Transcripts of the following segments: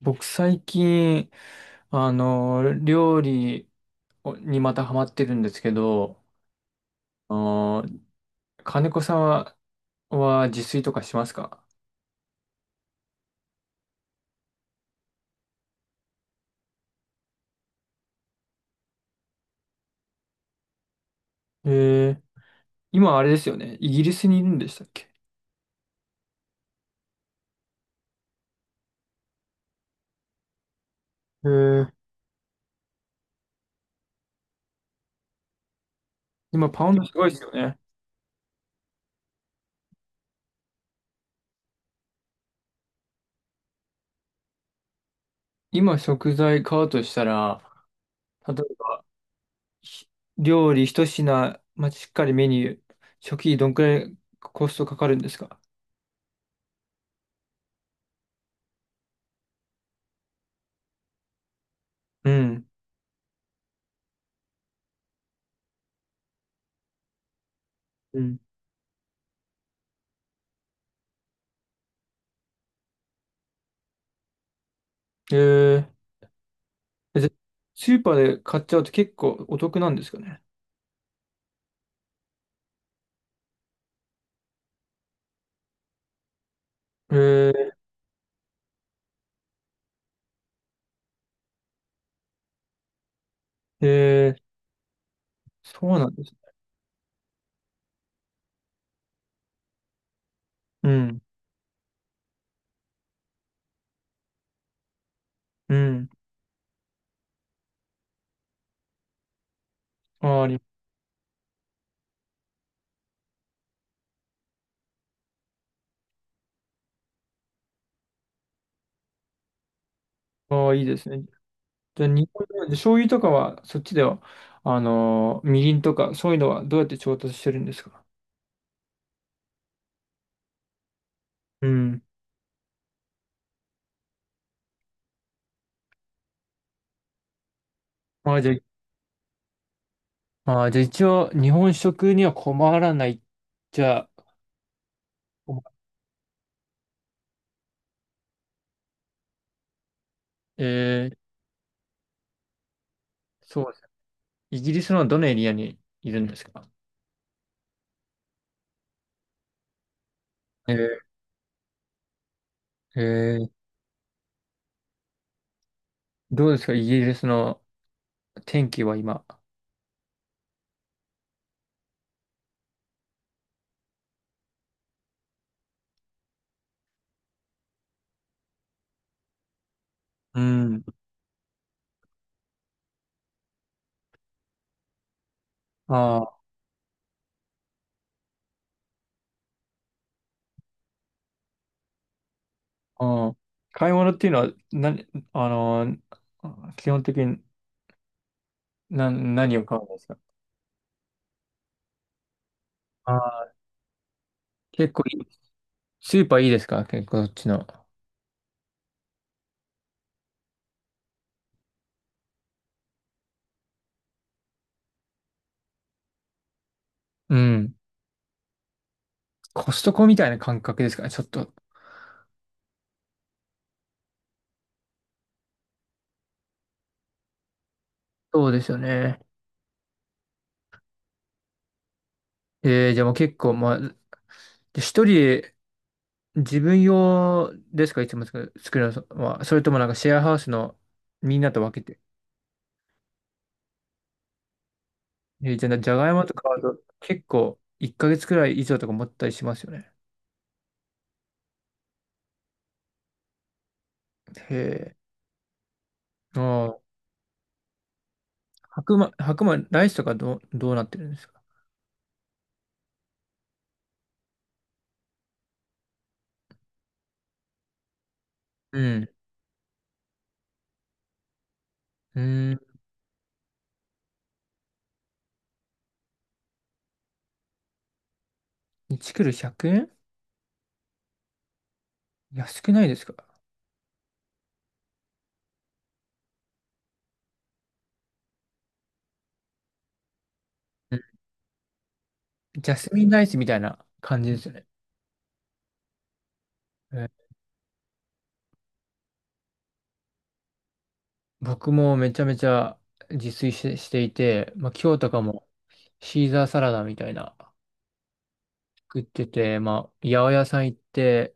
僕最近、料理にまたハマってるんですけど、あの、金子さんは自炊とかしますか？えー、今あれですよね。イギリスにいるんでしたっけ？えー、今パウンドすごいですよね。今食材買うとしたら、例えばひ料理一品、まあ、しっかりメニュー、初期どんくらいコストかかるんですか？うん。うん。えー、じゃあスーパーで買っちゃうと結構お得なんですかね？えーえー、そうなんです。うん、うん。あー、あー、いいですね。じゃあ、日本で醤油とかは、そっちでは、みりんとか、そういうのはどうやって調達してるんですか？うん。まあ、じゃあ一応、日本食には困らない。じゃあ、困えー、そうです。イギリスのどのエリアにいるんですか？えー、えーどうですかイギリスの天気は今？うん。ああ。うん。買い物っていうのは、なに、あのー基本的に何を買うんですか？あー、結構いい、スーパーいいですか結構そっちの？うん。コストコみたいな感覚ですかねちょっと。そうですよね。じゃあもう結構、まあ、一人で自分用ですかいつも作るのは？それともなんかシェアハウスのみんなと分けて？じゃあ、じゃがいもとか買うと結構1ヶ月くらい以上とか持ったりしますよね。へえ。ああ。白米、ライスとかどうなってるんですか？うん。うん。1クル100円？安くないですか？うん。ジャスミンライスみたいな感じですよね。えー僕もめちゃめちゃ自炊していて、まあ、今日とかもシーザーサラダみたいな食ってて、まあ、八百屋さん行って、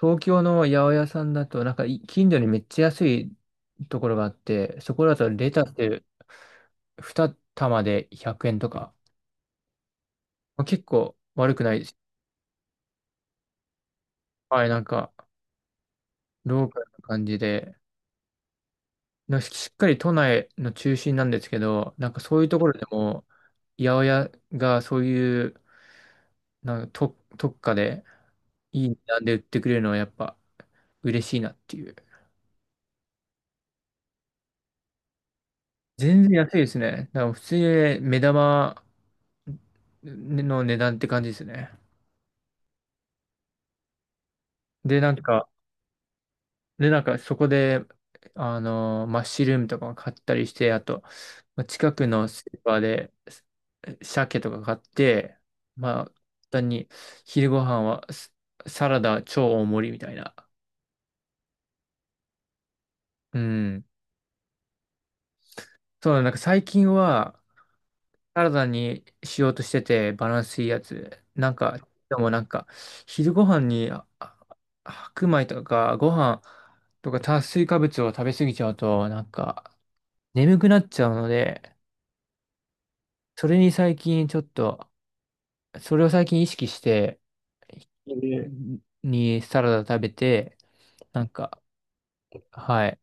東京の八百屋さんだと、なんか近所にめっちゃ安いところがあって、そこだとレタス2玉で100円とか、まあ、結構悪くない。はい、なんか、ローカルな感じで、なんかしっかり都内の中心なんですけど、なんかそういうところでも、八百屋がそういう、なんか特価でいい値段で売ってくれるのはやっぱ嬉しいなっていう。全然安いですね。だから普通にね目玉の値段って感じですね。で、なんか、で、なんかそこで、マッシュルームとかも買ったりして、あと、まあ近くのスーパーで鮭とか買って、まあ、簡単に昼ご飯はサラダ超大盛りみたいな。うん。そうだ、なんか最近はサラダにしようとしてて、バランスいいやつ。なんか、でもなんか、昼ご飯に白米とかご飯とか炭水化物を食べ過ぎちゃうと、なんか、眠くなっちゃうので、それに最近ちょっと、それを最近意識して、昼にサラダ食べて、なんか、はい。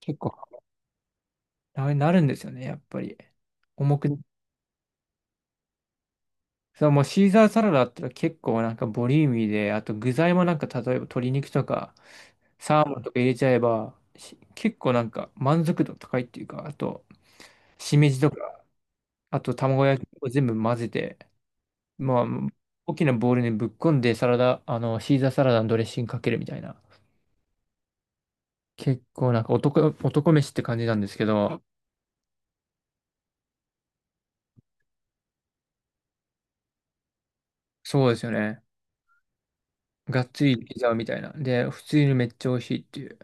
結構、あれなるんですよね、やっぱり。重く、そう、もうシーザーサラダって結構なんかボリューミーで、あと具材もなんか例えば鶏肉とか、サーモンとか入れちゃえば、結構なんか満足度高いっていうか、あと、しめじとか、あと卵焼きを全部混ぜて、まあ、大きなボウルにぶっこんでサラダ、シーザーサラダのドレッシングかけるみたいな。結構なんか男飯って感じなんですけど、そうですよね。がっつりピザみたいな。で、普通にめっちゃ美味しいっていう。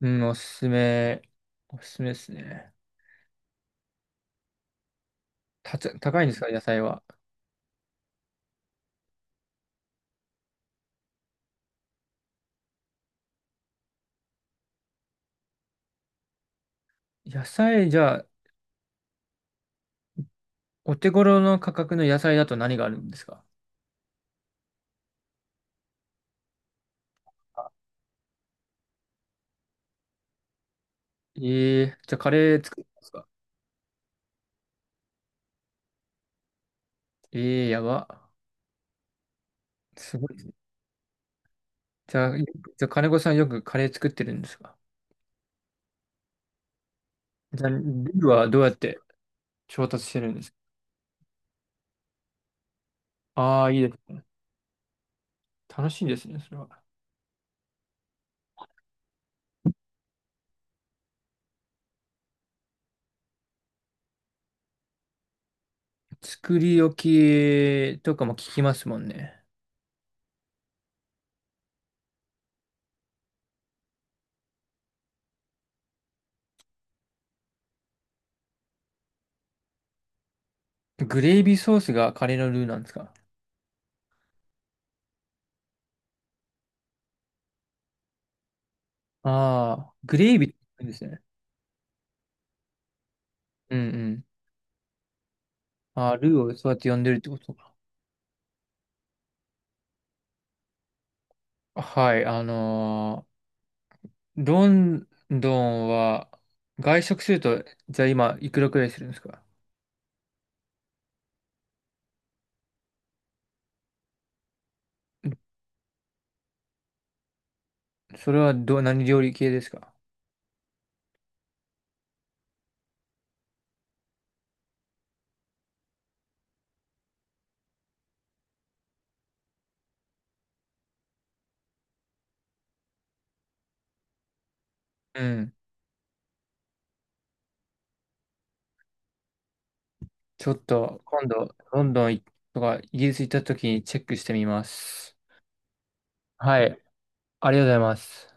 うん、おすすめですね。高いんですか、野菜は？野菜、じゃあ、お手頃の価格の野菜だと何があるんですか？ええーじゃあカレー作ってますか？ええーやば。すごいですね。じゃあ金子さんよくカレー作ってるんですか？じゃあ、ルーはどうやって調達してるんです？ああ、いいです。楽しいですね、それは。作り置きとかも聞きますもんね。グレイビーソースがカレーのルーなんですか？ああー、グレイビーって言うんですね。うんうん。ああ、ルーをそうやって呼んでるってことか。はい、ロンドンは、外食すると、じゃあ今、いくらくらいするんですか？それはどう、何料理系ですか？うん。ちょっと、今度、ロンドンとか、イギリス行った時にチェックしてみます。はい。ありがとうございます。